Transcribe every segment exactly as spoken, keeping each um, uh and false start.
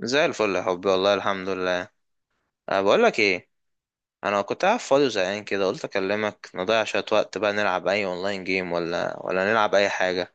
زي الفل يا حبي، والله الحمد لله. أه بقول لك ايه؟ انا كنت قاعد فاضي وزهقان كده، قلت اكلمك نضيع شويه وقت، بقى نلعب اي اونلاين جيم ولا ولا نلعب اي حاجه.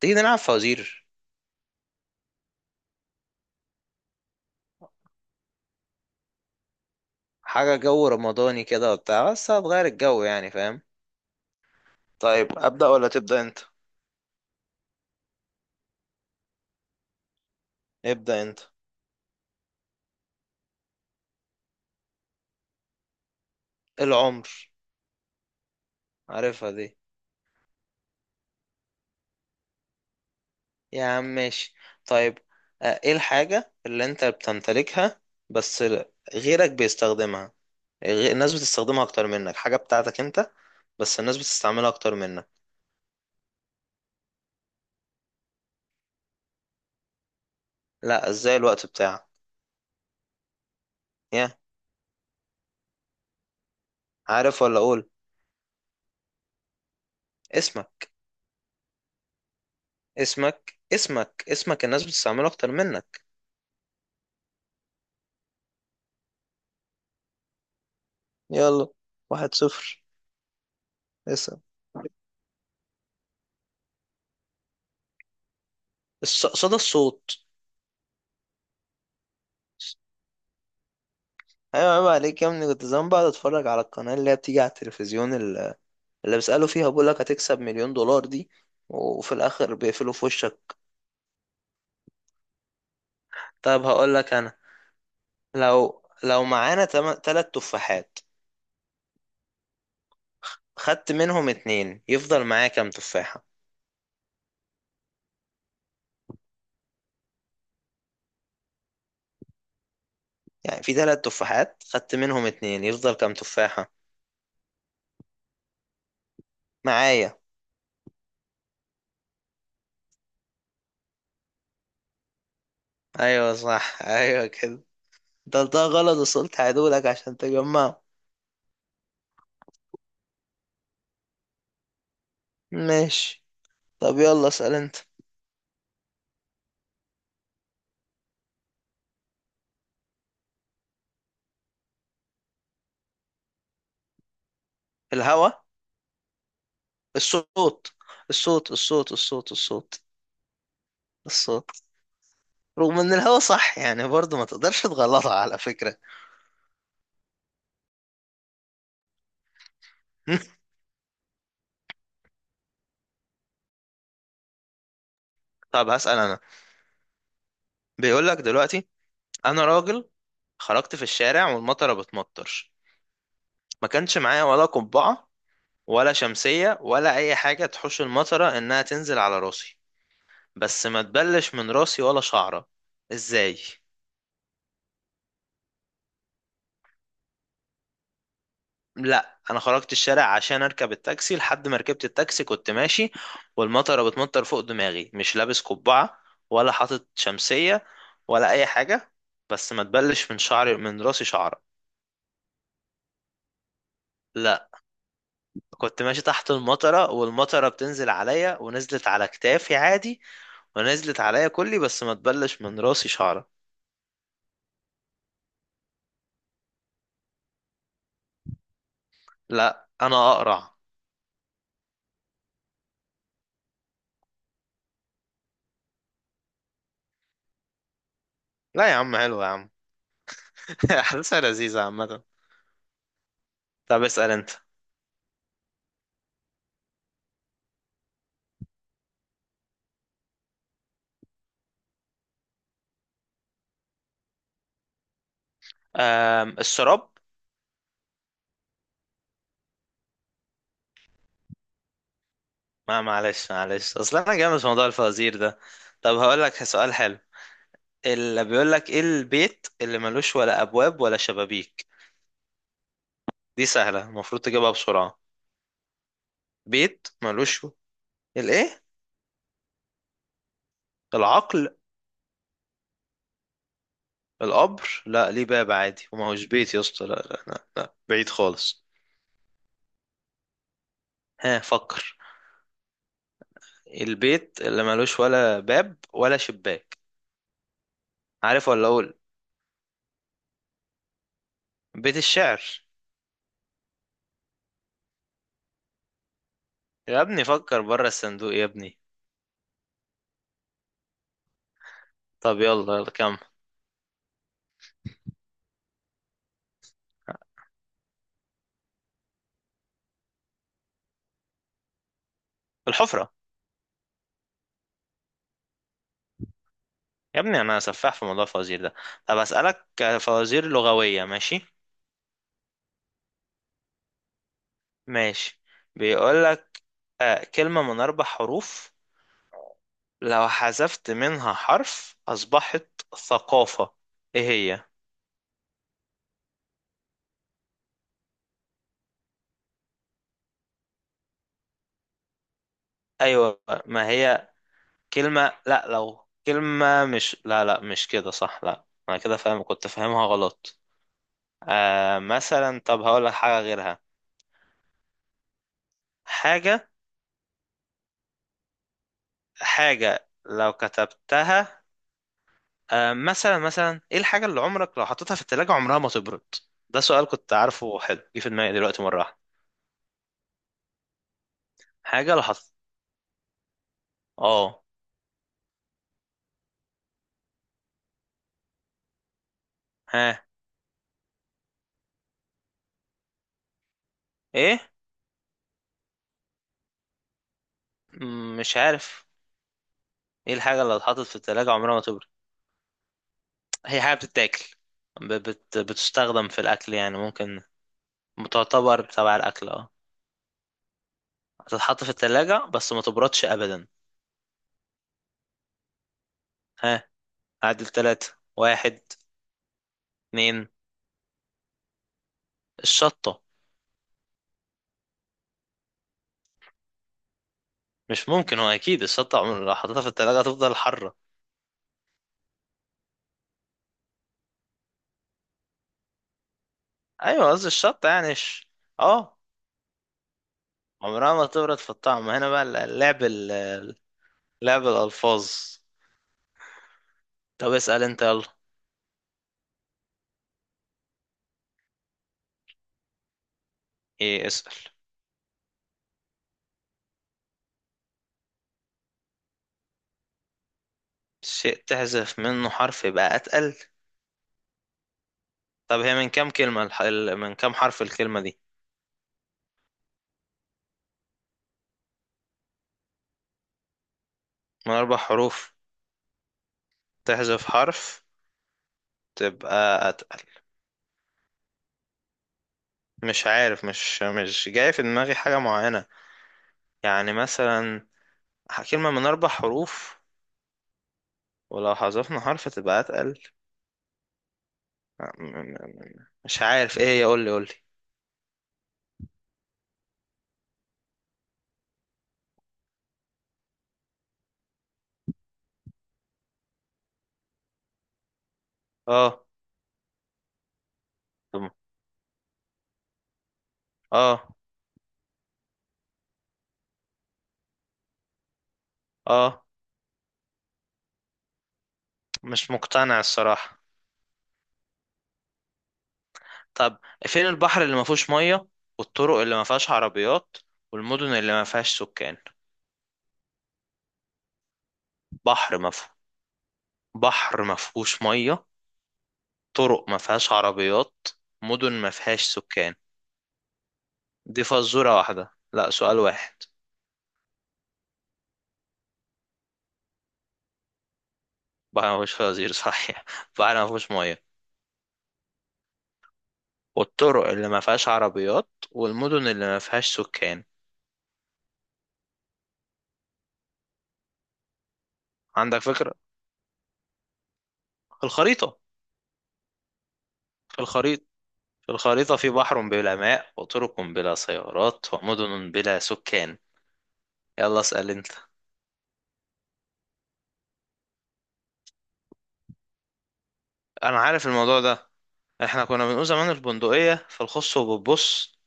تيجي نلعب فوازير؟ حاجه جو رمضاني كده وبتاع، بس هتغير الجو، يعني فاهم. طيب ابدا ولا تبدا انت؟ ابدا انت. العمر. عارفها دي. يا عم ماشي. طيب. أه ايه الحاجه اللي انت بتمتلكها بس غيرك بيستخدمها؟ غ- الناس بتستخدمها اكتر منك، حاجة بتاعتك انت بس الناس بتستعملها اكتر منك. لا، ازاي الوقت بتاعك؟ يا عارف ولا اقول؟ اسمك اسمك اسمك اسمك، الناس بتستعمله اكتر منك. يلا. واحد صفر. اسم. الص- صدى الصوت. ايوه، عيب عليك يا ابني. كنت زمان بقعد اتفرج على القناه اللي هي بتيجي على التلفزيون ال- اللي بيسالوا فيها بيقول لك هتكسب مليون دولار دي، وفي الاخر بيقفلوا في وشك. طب هقول لك انا، لو لو معانا تم... تلات تفاحات، خدت منهم اتنين، يفضل معايا كام تفاحة؟ يعني في تلات تفاحات، خدت منهم اتنين، يفضل كام تفاحة؟ معايا. ايوه صح، ايوه كده. ده ده غلط، بس قلت هعيدهولك عشان تجمعه. ماشي. طب يلا اسأل انت. الهوا. الصوت. الصوت الصوت الصوت الصوت. الصوت. رغم ان الهوا صح يعني برضه، ما تقدرش تغلطها على فكرة. طب هسأل انا. بيقولك دلوقتي، انا راجل خرجت في الشارع والمطره بتمطر، ما كانش معايا ولا قبعة، ولا شمسية، ولا أي حاجة تحوش المطرة إنها تنزل على راسي، بس ما تبلش من راسي ولا شعرة. إزاي؟ لا، أنا خرجت الشارع عشان أركب التاكسي، لحد ما ركبت التاكسي كنت ماشي، والمطرة بتمطر فوق دماغي، مش لابس قبعة ولا حاطط شمسية ولا أي حاجة، بس ما تبلش من شعري، من راسي شعرة. لا، كنت ماشي تحت المطرة والمطرة بتنزل عليا ونزلت على كتافي عادي. ونزلت عليا كلي بس ما تبلش من راسي شعرة. لا انا اقرع. لا يا عم، حلو يا عم. احداثها لذيذه عامه. طب اسال انت. أم الشراب. ما معلش معلش، اصل انا جامد في موضوع الفوازير ده. طب هقول لك سؤال حلو. اللي بيقول لك ايه البيت اللي ملوش ولا ابواب ولا شبابيك؟ دي سهله، المفروض تجيبها بسرعه. بيت ملوش. الايه؟ العقل. القبر؟ لا، ليه باب عادي وما هوش بيت يا اسطى. لا لا لا، لا، بعيد خالص. ها فكر، البيت اللي ملوش ولا باب ولا شباك. عارف ولا اقول؟ بيت الشعر. يا ابني فكر بره الصندوق يا ابني. طب يلا يلا كمل. الحفرة. يا ابني انا سفاح في موضوع الفوازير ده. طب اسألك فوازير لغوية، ماشي؟ ماشي. بيقولك، آه كلمة من اربع حروف، لو حذفت منها حرف اصبحت ثقافة. ايه هي؟ ايوه ما هي كلمة، لا لو كلمة، مش لا لا مش كده صح، لا انا كده فاهم، كنت فاهمها غلط. آه مثلا، طب هقولك حاجة غيرها. حاجة، حاجة لو كتبتها، آه، مثلا مثلا، ايه الحاجة اللي عمرك لو حطيتها في التلاجة عمرها ما تبرد؟ ده سؤال كنت عارفه حلو، جه في دماغي دلوقتي مرة واحدة. حاجة لو حط، اه ها. ايه؟ م- مش عارف. ايه الحاجة اللي اتحطت في التلاجة عمرها ما تبرد؟ هي حاجة بتتاكل، ب- بت... بتستخدم في الأكل يعني، ممكن تعتبر تبع الأكل، اه. هتتحط في التلاجة بس ما تبردش أبدا. ها، عدل تلاتة. واحد، اتنين. الشطة. مش ممكن، هو اكيد الشطه عمر لو حطيتها في التلاجة هتفضل حرة. ايوه قصدي الشطه يعني، ش... اه، عمرها ما تبرد في الطعم. هنا بقى اللعب، ال- لعب الالفاظ. طب اسال انت يلا. ايه اسال؟ شيء تحذف منه حرف يبقى اتقل؟ طب هي من كام كلمه، الح... ال- من كام حرف الكلمه دي؟ من اربع حروف، تحذف حرف، تبقى اتقل. مش عارف، مش مش جاي في دماغي حاجه معينه، يعني مثلا كلمه من اربع حروف، ولو حذفنا حرف تبقى اتقل. م- م- م- مش عارف ايه هي، قول لي قول لي. اه طب، اه اه مش مقتنع الصراحة. طب فين البحر اللي ما فيهوش مية والطرق اللي ما فيهاش عربيات والمدن اللي ما فيهاش سكان؟ بحر ما فيه، بحر ما فيهوش مية، طرق ما فيهاش عربيات، مدن ما فيهاش سكان. دي فزورة واحدة، لا سؤال واحد. بحر ما فيهوش فوازير صحيح. بحر ما فيهوش مية، والطرق اللي ما فيهاش عربيات، والمدن اللي ما فيهاش سكان. عندك فكرة؟ الخريطة. في الخريطة، في الخريطة في بحر بلا ماء وطرق بلا سيارات ومدن بلا سكان. يلا اسأل انت. انا عارف الموضوع ده، احنا كنا بنقول زمان البندقية فالخص وبتبص.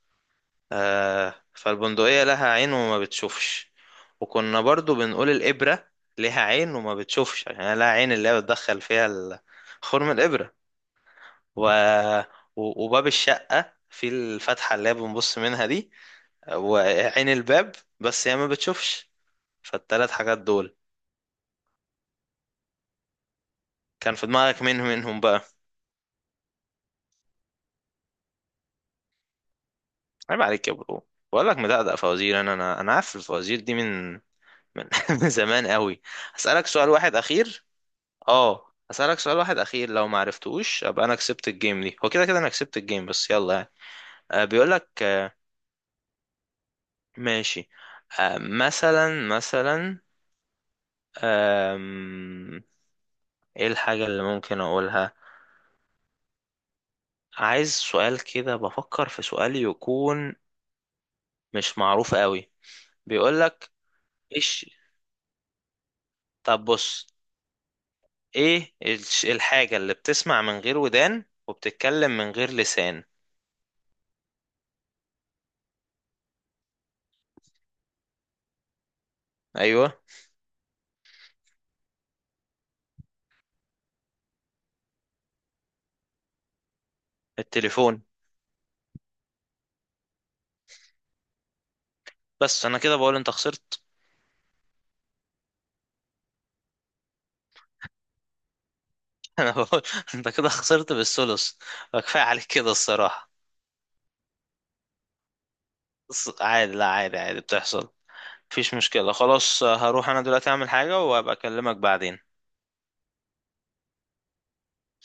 آه فالبندقية لها عين وما بتشوفش. وكنا برضو بنقول الإبرة لها عين وما بتشوفش، عشان هي لها عين اللي هي بتدخل فيها ال- خرم الإبرة. و... و- وباب الشقة في الفتحة اللي هي بنبص منها دي، وعين الباب، بس هي ما بتشوفش. فالتلات حاجات دول كان في دماغك مين منهم بقى؟ عيب عليك يا برو. بقول لك مدقدق فوازير انا انا انا عارف الفوازير دي من من من زمان قوي. هسألك سؤال واحد اخير. اه هسألك سؤال واحد اخير، لو ما عرفتوش ابقى انا كسبت الجيم دي، هو كده كده انا كسبت الجيم بس يلا يعني. آه بيقول لك، آه ماشي. آه مثلا مثلا، آم، ايه الحاجة اللي ممكن اقولها؟ عايز سؤال كده، بفكر في سؤال يكون مش معروف قوي. بيقول لك ايش. طب بص، ايه الش- الحاجة اللي بتسمع من غير ودان وبتتكلم من غير لسان؟ ايوه. التليفون. بس انا كده بقول انت خسرت. انا بقول انت كده خسرت بالثلث. كفايه عليك كده الصراحة. بس عادي، لا عادي عادي بتحصل، مفيش مشكلة. خلاص هروح انا دلوقتي اعمل حاجة وابقى اكلمك بعدين.